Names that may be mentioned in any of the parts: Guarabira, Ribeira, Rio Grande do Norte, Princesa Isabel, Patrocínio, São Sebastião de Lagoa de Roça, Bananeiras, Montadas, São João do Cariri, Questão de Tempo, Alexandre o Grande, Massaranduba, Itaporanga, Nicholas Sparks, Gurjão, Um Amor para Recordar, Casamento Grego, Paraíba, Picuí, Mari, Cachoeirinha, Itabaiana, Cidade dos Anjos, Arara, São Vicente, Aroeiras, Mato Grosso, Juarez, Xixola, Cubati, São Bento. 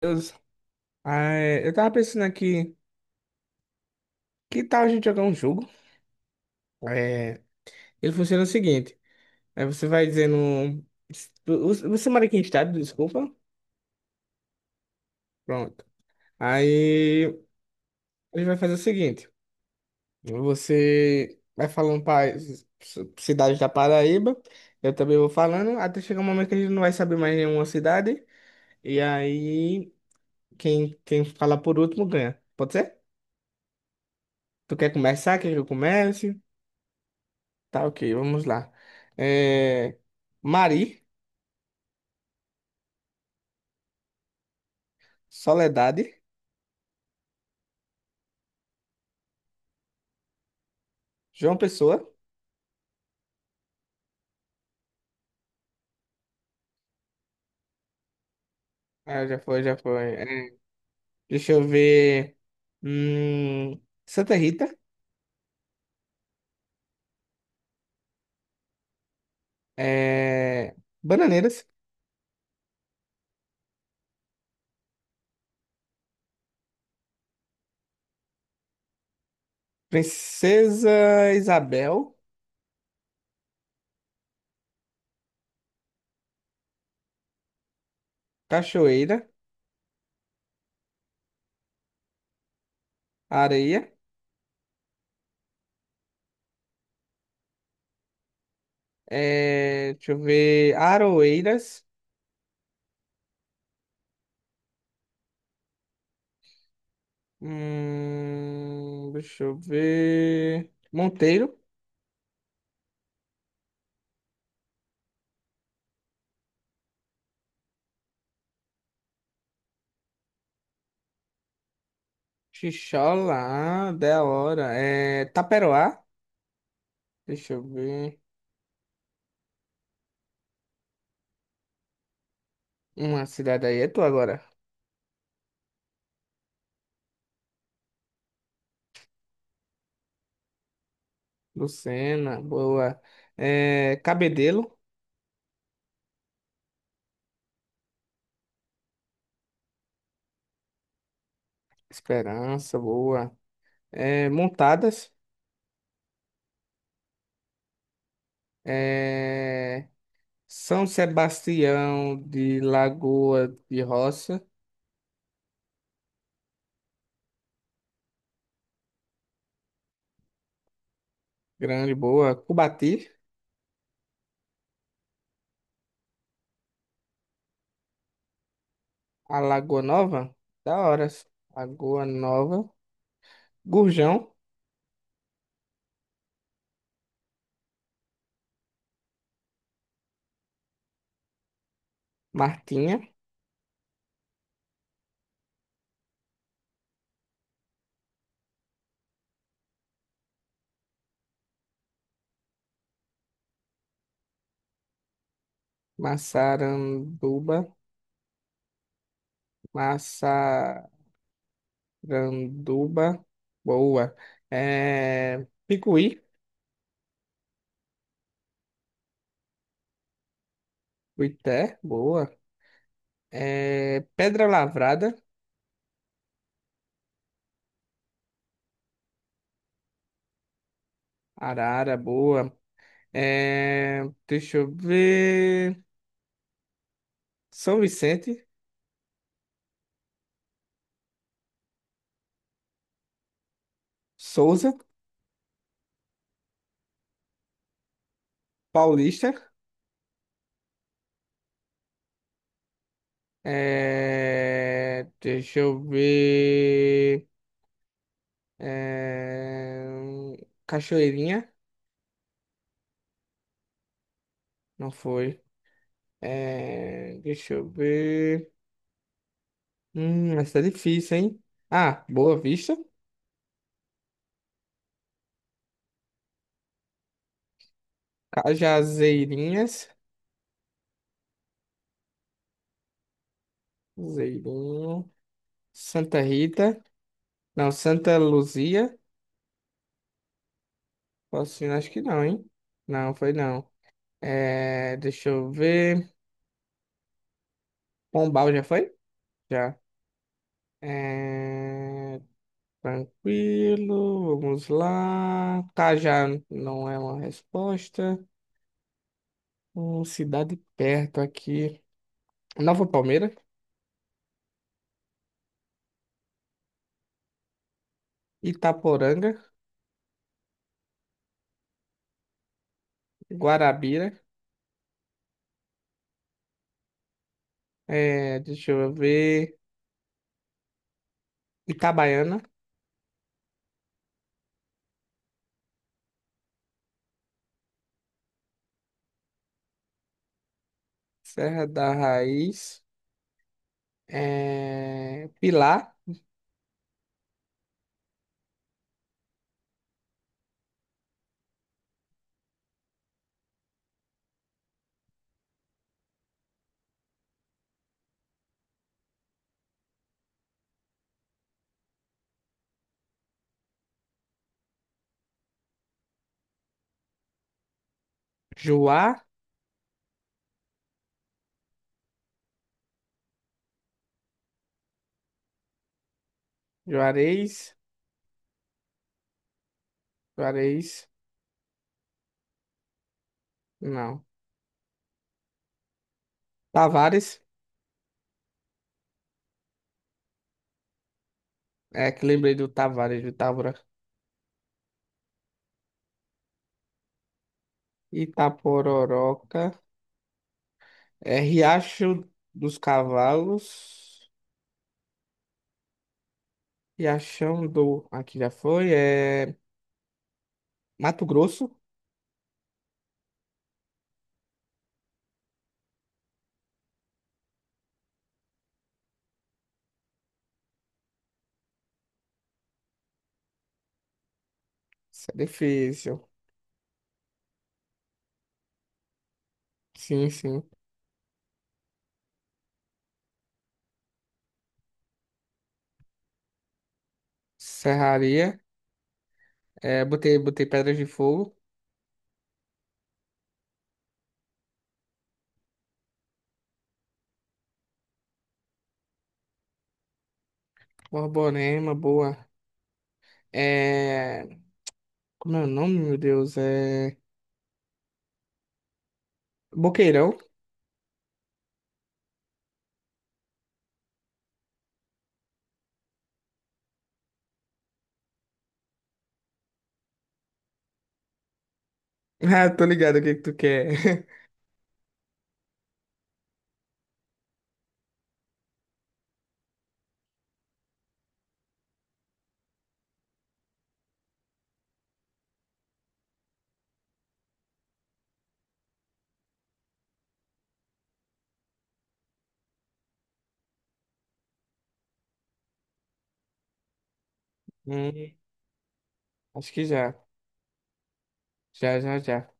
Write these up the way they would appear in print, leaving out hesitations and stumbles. Deus. Ah, é, eu tava pensando aqui, que tal a gente jogar um jogo? É, ele funciona o seguinte, aí você vai dizendo... Você mora aqui em estado, desculpa? Pronto. Aí ele vai fazer o seguinte, você vai falando para cidades da Paraíba, eu também vou falando, até chegar um momento que a gente não vai saber mais nenhuma cidade, e aí quem falar por último ganha. Pode ser? Tu quer começar? Quer que eu comece? Tá, ok, vamos lá. É, Mari, Soledade, João Pessoa. Ah, já foi, já foi. É, deixa eu ver. Santa Rita, é, Bananeiras, Princesa Isabel, Cachoeira, Areia. É, deixa eu ver. Aroeiras. Hum, deixa eu ver. Monteiro, Xixola, ah, da hora. É... Taperoá. Deixa eu ver. Uma cidade aí é tu agora. Lucena, boa. É, Cabedelo, Esperança, boa. É, Montadas, é, São Sebastião de Lagoa de Roça, grande, boa. Cubati, a Lagoa Nova, da hora. Lagoa Nova, Gurjão, Martinha, Massaranduba, Massaranduba, boa. É, Picuí. Boité, boa. É, Pedra Lavrada, Arara, boa. É, deixa eu ver. São Vicente, Souza, Paulista. É, deixa eu ver. É, Cachoeirinha, não foi. É, deixa eu ver. Essa é difícil, hein? Ah, Boa Vista, Cajazeirinhas, Zeirinho, Santa Rita. Não, Santa Luzia? Patrocínio, acho que não, hein? Não, foi não. É, deixa eu ver. Pombal já foi? Já. É, tranquilo, vamos lá. Cajá não é uma resposta. Cidade perto aqui. Nova Palmeira, Itaporanga, Guarabira. É, deixa eu ver. Itabaiana, Serra da Raiz, é, Pilar, Juá. Juarez, Juarez, não. Tavares, é que lembrei do Tavares, do Távora. Itapororoca, é Riacho dos Cavalos, Riachão do, aqui já foi, é Mato Grosso, isso é difícil. Sim, sim. Serraria, é, botei, botei Pedras de Fogo, Borborema, boa. É, como é o nome, meu Deus? É Boqueirão. Ah, tô ligado o que que tu quer. Hum, acho que já, já.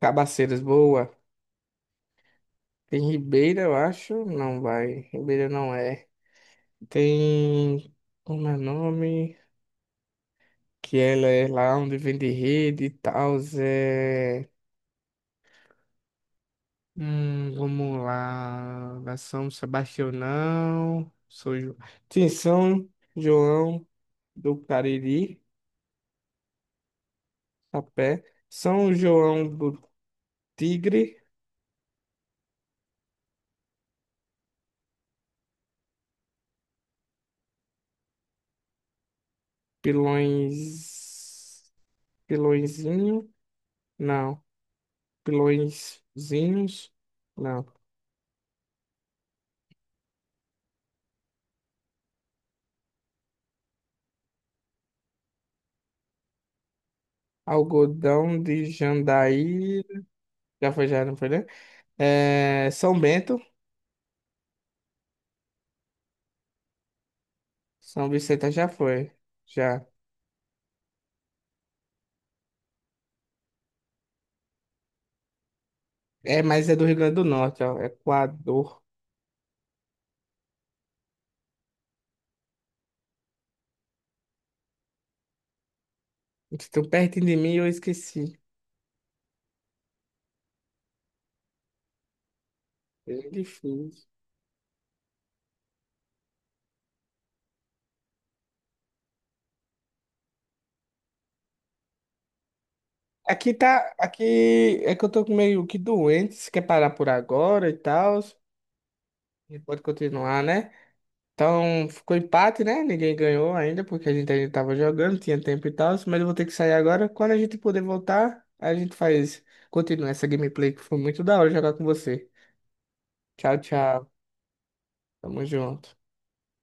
Cabaceiras, boa. Tem Ribeira, eu acho. Não vai. Ribeira não é. Tem. Como é o nome? Que ela é lá onde vende rede e tal. É... vamos lá. Da São Sebastião, não. Sou Jo- Tem São João do Cariri, a pé. São João do Tigre, Pilões. Pilõezinho? Não. Pilõezinhos? Não. Algodão de Jandaíra. Já foi, já não foi, né? É, São Bento. São Vicente já foi. Já. É, mas é do Rio Grande do Norte, ó. Equador. Eles tão pertinho de mim, e eu esqueci. É difícil. Aqui tá. Aqui é que eu tô meio que doente. Se quer parar por agora e tal. E pode continuar, né? Então ficou empate, né? Ninguém ganhou ainda porque a gente ainda tava jogando, tinha tempo e tal, mas eu vou ter que sair agora. Quando a gente puder voltar, a gente faz, continua essa gameplay que foi muito da hora jogar com você. Tchau, tchau. Tamo junto.